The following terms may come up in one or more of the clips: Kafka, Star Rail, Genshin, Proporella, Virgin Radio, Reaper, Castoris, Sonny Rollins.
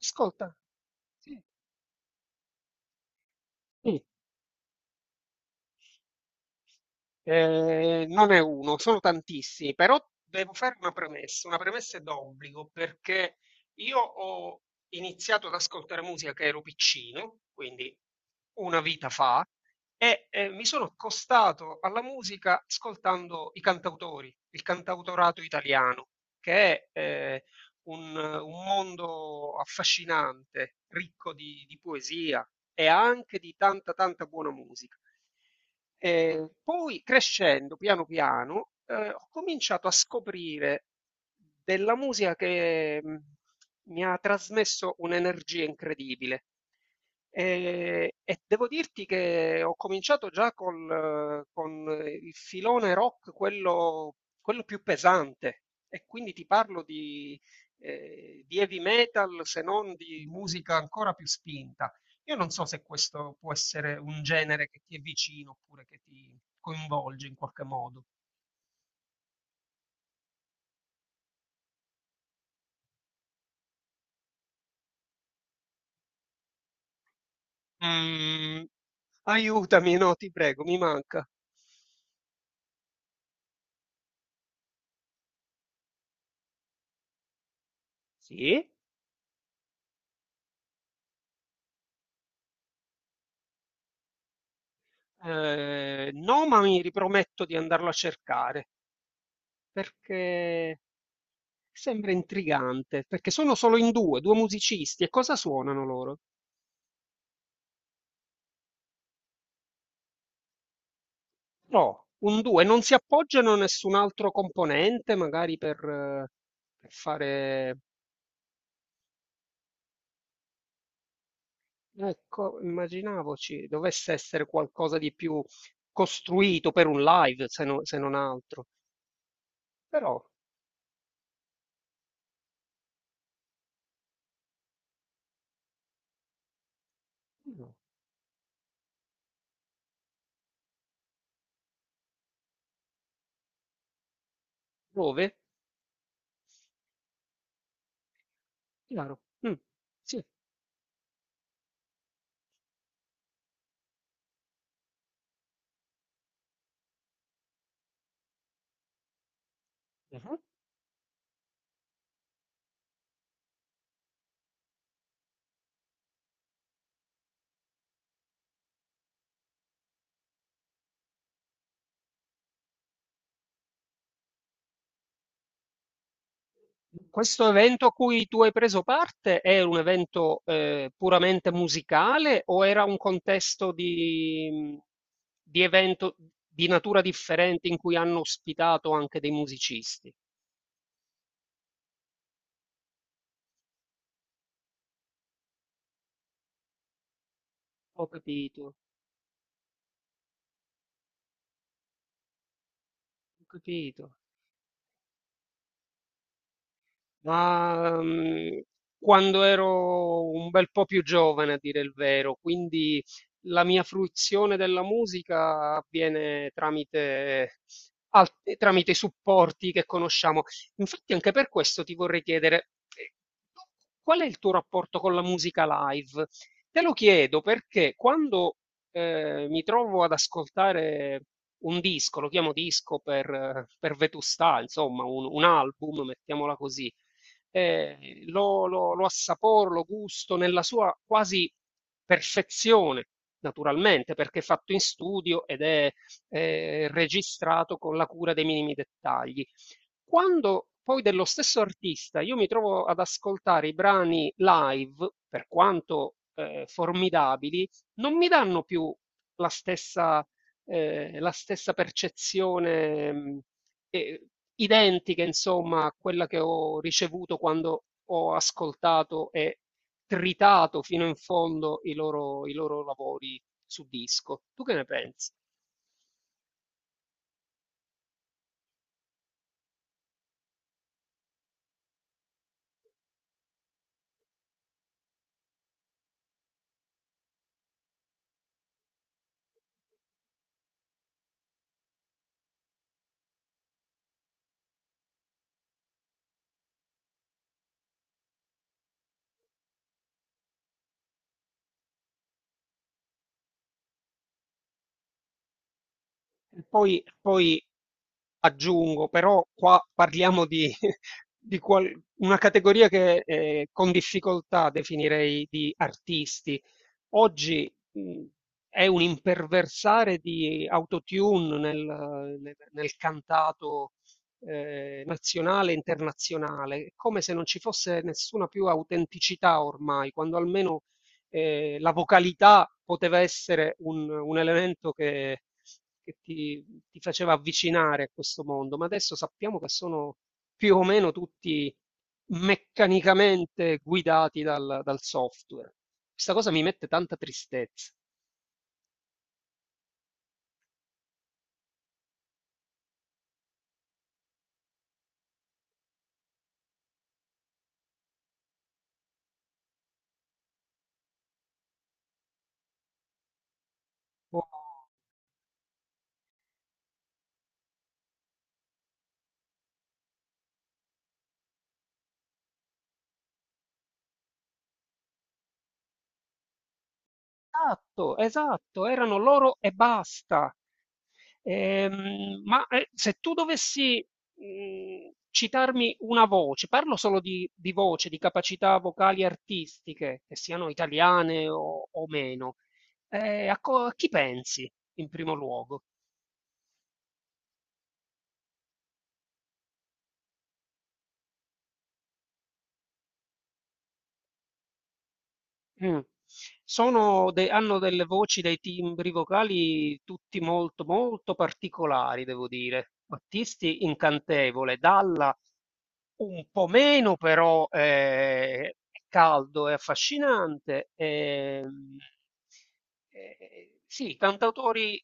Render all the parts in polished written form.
Ascolta, sì, sì, non è uno, sono tantissimi, però devo fare una premessa d'obbligo, perché io ho iniziato ad ascoltare musica che ero piccino, quindi una vita fa, e mi sono accostato alla musica ascoltando i cantautori, il cantautorato italiano, che è un mondo affascinante, ricco di poesia e anche di tanta, tanta buona musica. E poi crescendo piano piano ho cominciato a scoprire della musica che mi ha trasmesso un'energia incredibile. E devo dirti che ho cominciato già con il filone rock, quello più pesante, e quindi ti parlo di heavy metal, se non di musica ancora più spinta. Io non so se questo può essere un genere che ti è vicino oppure che ti coinvolge in qualche modo. Mm, aiutami, no, ti prego, mi manca. Sì? No, ma mi riprometto di andarlo a cercare. Perché sembra intrigante, perché sono solo in due, due musicisti, e cosa suonano loro? No, un due, non si appoggiano a nessun altro componente, magari per fare... Ecco, immaginavoci, dovesse essere qualcosa di più costruito per un live, se non altro. Però, no. Dove? Chiaro. Mm, sì. Mhm. Questo evento a cui tu hai preso parte è un evento puramente musicale o era un contesto di evento di natura differente in cui hanno ospitato anche dei musicisti? Ho capito, ho capito. Ma, mhmm, quando ero un bel po' più giovane a dire il vero, quindi la mia fruizione della musica avviene al tramite i supporti che conosciamo. Infatti anche per questo ti vorrei chiedere, ehm, qual è il tuo rapporto con la musica live? Te lo chiedo perché quando mi trovo ad ascoltare un disco, lo chiamo disco per vetustà, insomma un album, mettiamola così lo assaporo, lo gusto nella sua quasi perfezione, naturalmente, perché è fatto in studio ed è registrato con la cura dei minimi dettagli. Quando poi dello stesso artista io mi trovo ad ascoltare i brani live, per quanto formidabili, non mi danno più la stessa, la stessa percezione eh, identiche, insomma, a quella che ho ricevuto quando ho ascoltato e tritato fino in fondo i loro lavori su disco. Tu che ne pensi? E poi, poi aggiungo, però qua parliamo di, di qual- una categoria che con difficoltà definirei di artisti, oggi è un imperversare di autotune nel cantato nazionale e internazionale, è come se non ci fosse nessuna più autenticità ormai, quando almeno la vocalità poteva essere un elemento che ti faceva avvicinare a questo mondo, ma adesso sappiamo che sono più o meno tutti meccanicamente guidati dal software. Questa cosa mi mette tanta tristezza. Oh, esatto, esatto, erano loro e basta. Ma se tu dovessi citarmi una voce, parlo solo di voce, di capacità vocali artistiche, che siano italiane o meno, a chi pensi in primo luogo? Mh. Sono de hanno delle voci, dei timbri vocali tutti molto, molto particolari devo dire. Battisti incantevole, Dalla un po' meno però, è caldo e affascinante. Ehm, sì, cantautori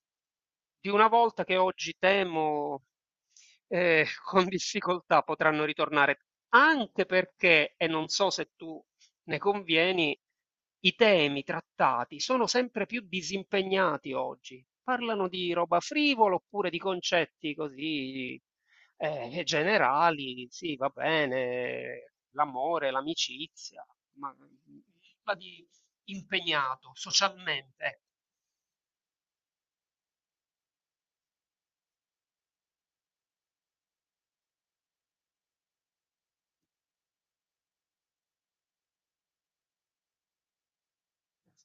di una volta che oggi temo, con difficoltà potranno ritornare, anche perché, e non so se tu ne convieni, i temi trattati sono sempre più disimpegnati oggi. Parlano di roba frivola oppure di concetti così generali. Sì, va bene, l'amore, l'amicizia, ma nulla di impegnato socialmente.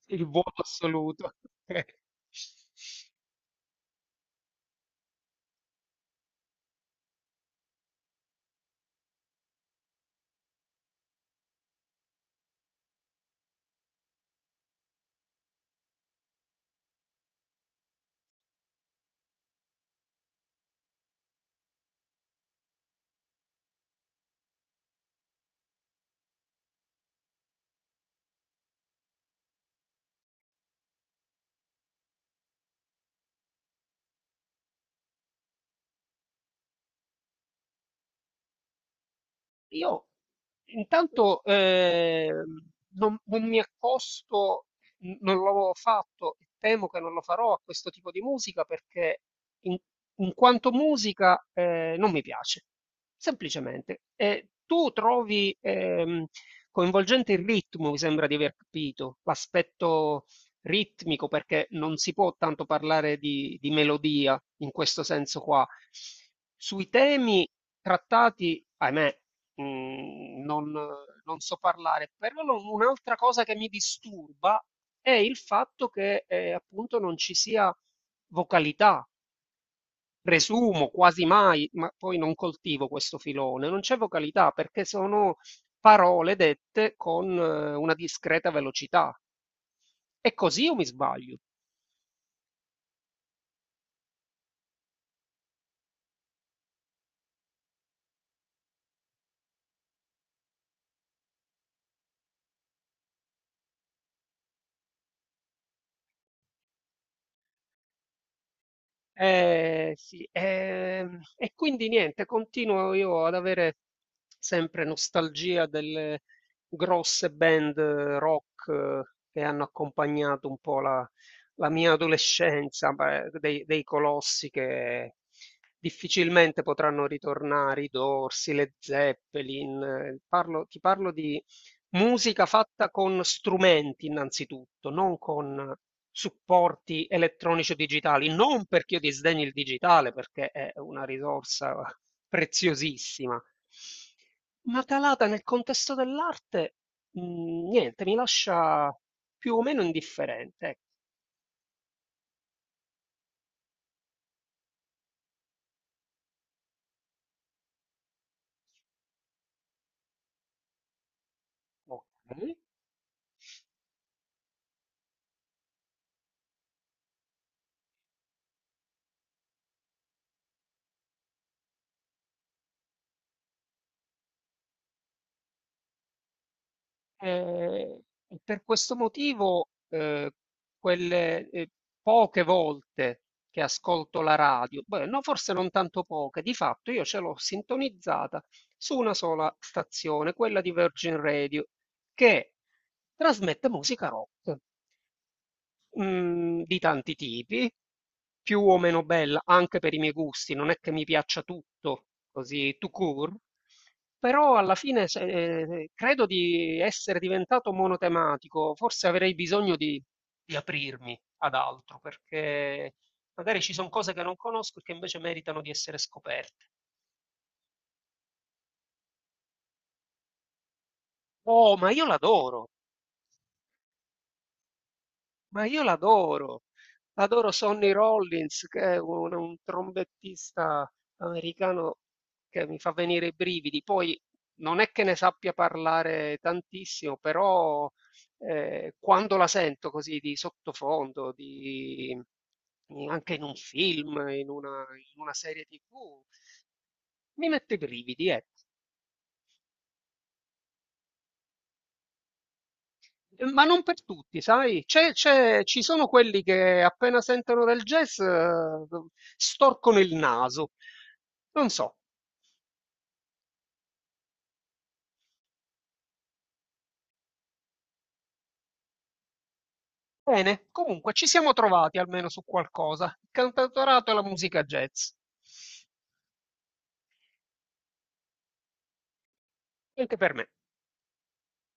Il vuoto assoluto. Io intanto, non mi accosto, non l'avevo fatto e temo che non lo farò a questo tipo di musica perché in, in quanto musica non mi piace, semplicemente. E tu trovi coinvolgente il ritmo, mi sembra di aver capito, l'aspetto ritmico perché non si può tanto parlare di melodia in questo senso qua. Sui temi trattati, ahimè, mhmm, non so parlare. Però lo un'altra cosa che mi disturba è il fatto che, appunto non ci sia vocalità. Presumo, quasi mai, ma poi non coltivo questo filone, non c'è vocalità perché sono parole dette con una discreta velocità. È così o mi sbaglio? Sì, e quindi niente, continuo io ad avere sempre nostalgia delle grosse band rock che hanno accompagnato un po' la mia adolescenza, beh, dei colossi che difficilmente potranno ritornare, i Dorsi, le Zeppelin. Ti parlo di musica fatta con strumenti innanzitutto, non con supporti elettronici o digitali, non perché io disdegni il digitale, perché è una risorsa preziosissima, ma calata nel contesto dell'arte, niente, mi lascia più o meno indifferente, ecco. Ok. Ehm, e per questo motivo, quelle, ehm, poche volte che ascolto la radio, beh, no, forse non tanto poche, di fatto io ce l'ho sintonizzata su una sola stazione, quella di Virgin Radio, che trasmette musica rock mhmm, di tanti tipi, più o meno bella anche per i miei gusti, non è che mi piaccia tutto così tout court, però alla fine se credo di essere diventato monotematico, forse avrei bisogno di aprirmi ad altro, perché magari ci son cose che non conosco e che invece meritano di essere scoperte. Oh, ma io l'adoro! Ma io l'adoro, adoro Sonny Rollins, che è un trombettista americano che mi fa venire i brividi. Poi non è che ne sappia parlare tantissimo, però quando la sento così di sottofondo, anche in un film, in una serie TV, mi mette i brividi, ecco. Ma non per tutti, sai? Ci sono quelli che appena sentono del jazz storcono il naso. Non so. Bene, comunque ci siamo trovati almeno su qualcosa. Il cantautorato e la musica jazz. Anche per me.